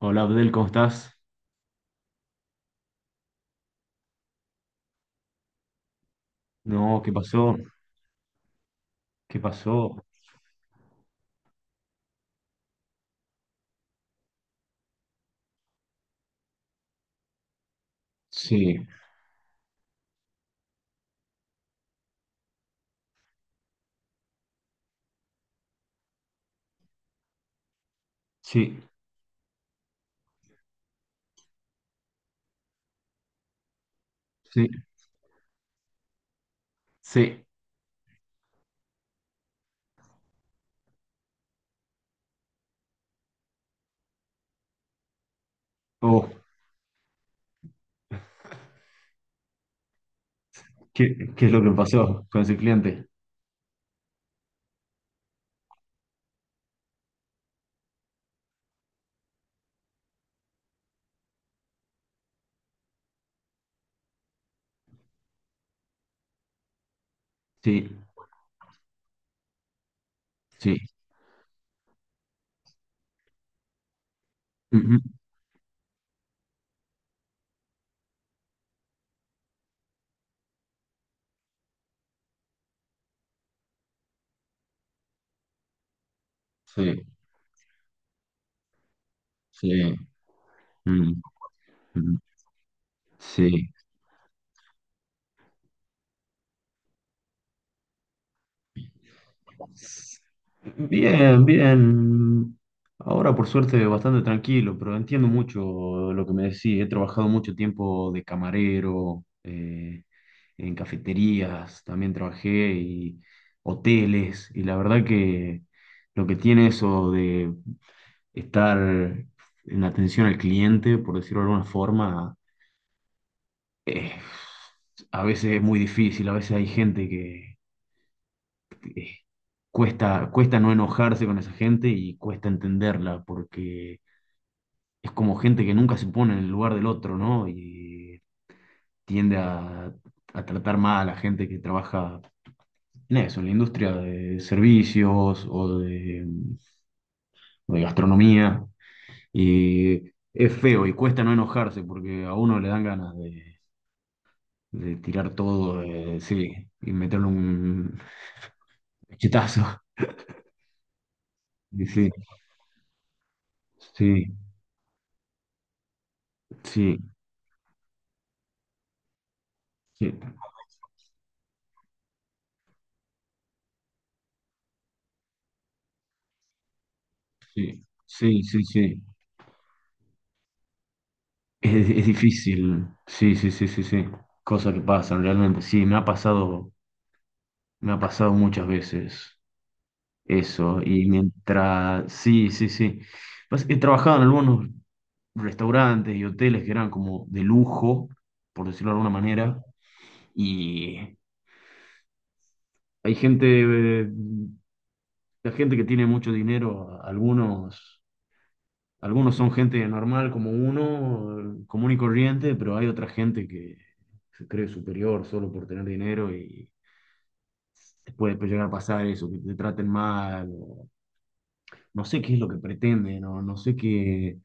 Hola Abdel, ¿cómo estás? No, ¿qué pasó? ¿Qué pasó? Sí, sí, sí, sí. Oh, ¿qué es lo que pasó con ese cliente? Sí, sí, ujú, sí, sí, mm, ujú, sí. Bien, bien. Ahora por suerte bastante tranquilo, pero entiendo mucho lo que me decís. He trabajado mucho tiempo de camarero, en cafeterías, también trabajé y hoteles. Y la verdad que lo que tiene eso de estar en atención al cliente, por decirlo de alguna forma, eh, a veces es muy difícil, a veces hay gente que cuesta no enojarse con esa gente y cuesta entenderla, porque es como gente que nunca se pone en el lugar del otro, ¿no? Y tiende a tratar mal a la gente que trabaja en eso, en la industria de servicios o de gastronomía. Y es feo y cuesta no enojarse porque a uno le dan ganas de tirar todo, sí, y meterle un cachetazo. Y sí, sí, sí, sí, sí, sí, sí, sí. Es difícil, sí, sí, sí, sí, sí. Cosas que pasan realmente. Sí, me ha pasado muchas veces eso. Y mientras, sí, sí, sí. Pues, he trabajado en algunos restaurantes y hoteles que eran como de lujo, por decirlo de alguna manera. Y hay gente, eh, la gente que tiene mucho dinero, algunos. Algunos son gente normal como uno, común y corriente, pero hay otra gente que se cree superior solo por tener dinero y te puede llegar a pasar eso, que te traten mal, o no sé qué es lo que pretenden, o no sé qué,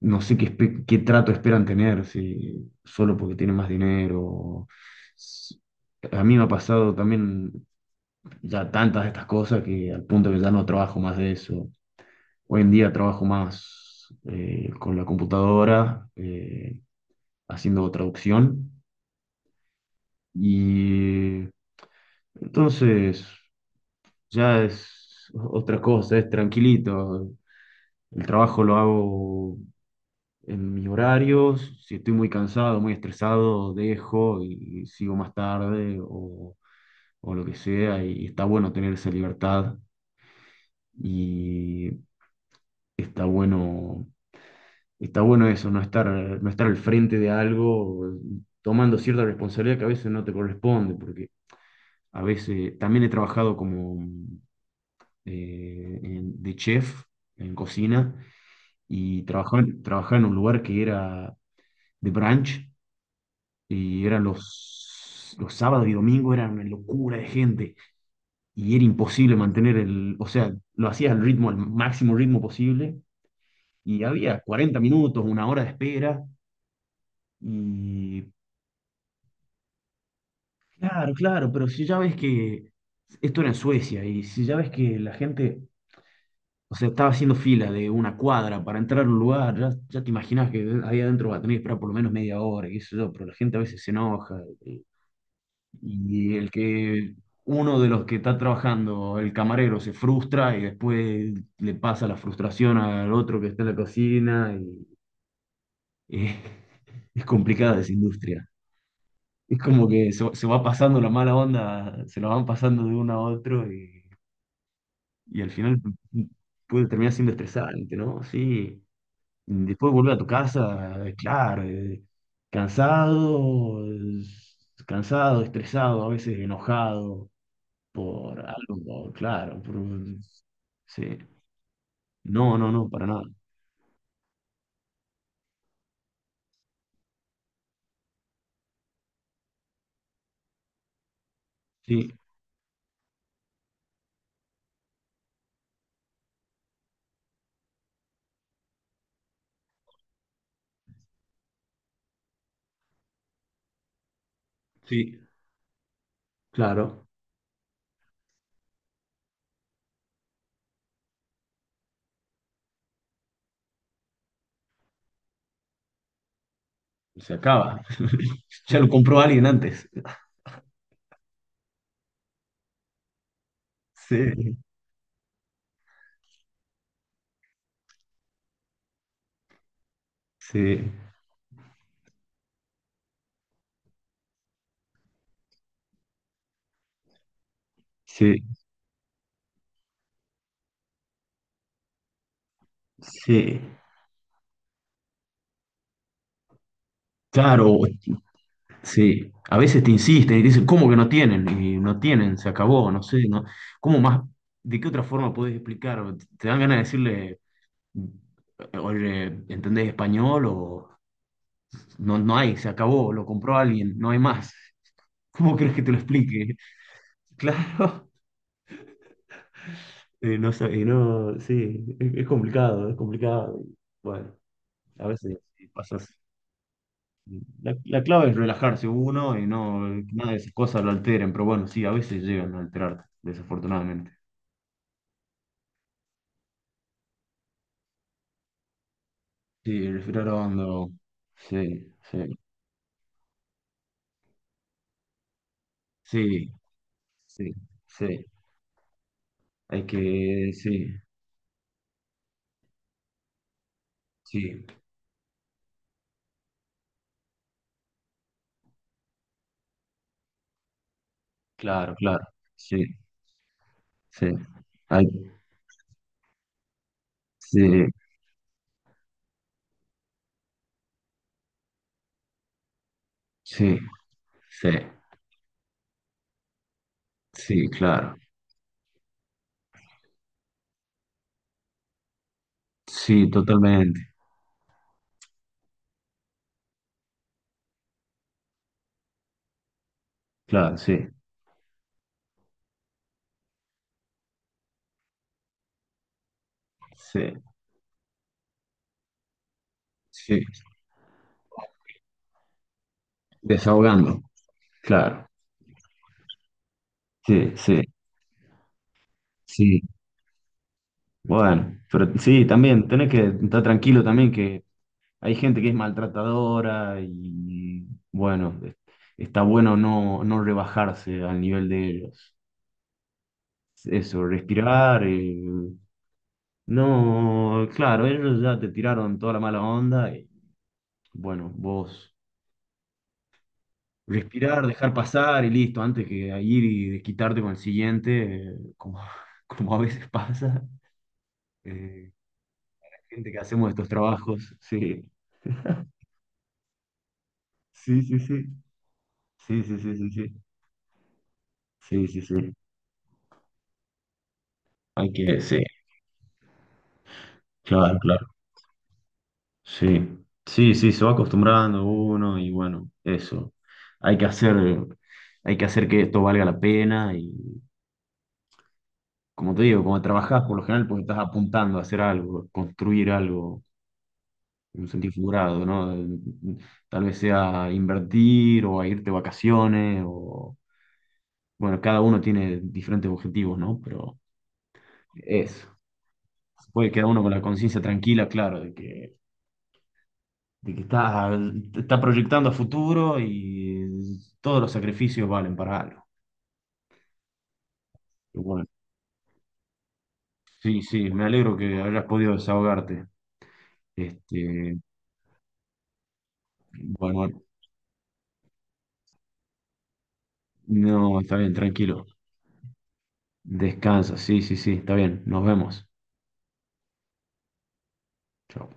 no sé qué, qué trato esperan tener, si solo porque tienen más dinero. S- A mí me ha pasado también ya tantas de estas cosas que al punto que ya no trabajo más de eso. Hoy en día trabajo más con la computadora. Haciendo traducción. Y entonces ya es otra cosa, es tranquilito. El trabajo lo hago en mis horarios. Si estoy muy cansado, muy estresado, dejo y sigo más tarde o lo que sea. Y está bueno tener esa libertad y está bueno, está bueno eso, no estar al frente de algo, tomando cierta responsabilidad que a veces no te corresponde, porque a veces también he trabajado como de chef en cocina y trabajaba en un lugar que era de brunch y eran los sábados y domingos, era una locura de gente y era imposible mantener el, o sea, lo hacía al ritmo, al máximo ritmo posible y había 40 minutos, 1 hora de espera y claro, claro, pero si ya ves que esto era en Suecia y si ya ves que la gente. O sea, estaba haciendo fila de una cuadra para entrar a un lugar. Ya, ya te imaginas que ahí adentro va a tener que esperar por lo menos media hora, qué sé yo, pero la gente a veces se enoja. Y el que uno de los que está trabajando, el camarero, se frustra y después le pasa la frustración al otro que está en la cocina. Y es complicada esa industria. Es como que se va pasando la mala onda, se la van pasando de uno a otro y al final puede terminar siendo estresante, ¿no? Sí. Después volver a tu casa, claro, cansado, eh, cansado, estresado, a veces enojado por algo, claro, sí. No, no, no, para nada. Sí, sí, claro, se acaba. Ya lo compró alguien antes. Sí, sí, sí, sí. Claro, sí, a veces te insisten y te dicen, ¿cómo que no tienen? Y no tienen, se acabó, no sé, no, ¿cómo más? ¿De qué otra forma puedes explicar? ¿Te dan ganas de decirle, oye, ¿entendés español? O no, no hay, se acabó, lo compró alguien, no hay más. ¿Cómo crees que te lo explique? Claro, no sé, y no, sí, es complicado, es complicado. Bueno, a veces sí, pasas. La clave es relajarse uno y no, que nada de esas cosas lo alteren, pero bueno, sí, a veces llegan a alterarte, desafortunadamente. Sí, el respirar hondo. Sí, sí, sí, sí, sí. Hay que, sí, sí, claro, claro. Sí, sí. Hay, sí, sí, sí, sí, claro. Sí, totalmente. Claro, sí, sí, sí. Desahogando. Claro. Sí, sí, sí. Bueno, pero sí, también tenés que estar tranquilo también que hay gente que es maltratadora y bueno, está bueno no, no rebajarse al nivel de ellos. Eso, respirar, no, claro, ellos ya te tiraron toda la mala onda y bueno, vos respirar, dejar pasar y listo, antes que ir y desquitarte con el siguiente, como, como a veces pasa, eh, gente que hacemos estos trabajos, sí, sí, sí, sí. Sí, sí, sí, sí, sí. Sí, sí, sí. Hay que, sí, claro, claro. Sí, sí, sí, se va acostumbrando uno y bueno, eso. Hay que hacer, hay que hacer que esto valga la pena y como te digo, cuando trabajás por lo general pues estás apuntando a hacer algo, construir algo en un sentido figurado, ¿no? Tal vez sea invertir o a irte de vacaciones o bueno, cada uno tiene diferentes objetivos, ¿no? Pero eso puede quedar uno con la conciencia tranquila, claro, de que está proyectando a futuro y todos los sacrificios valen para algo. Y bueno, sí, sí, me alegro que hayas podido desahogarte. Este, bueno, no, está bien, tranquilo. Descansa, sí, sí, sí, está bien. Nos vemos. Chao.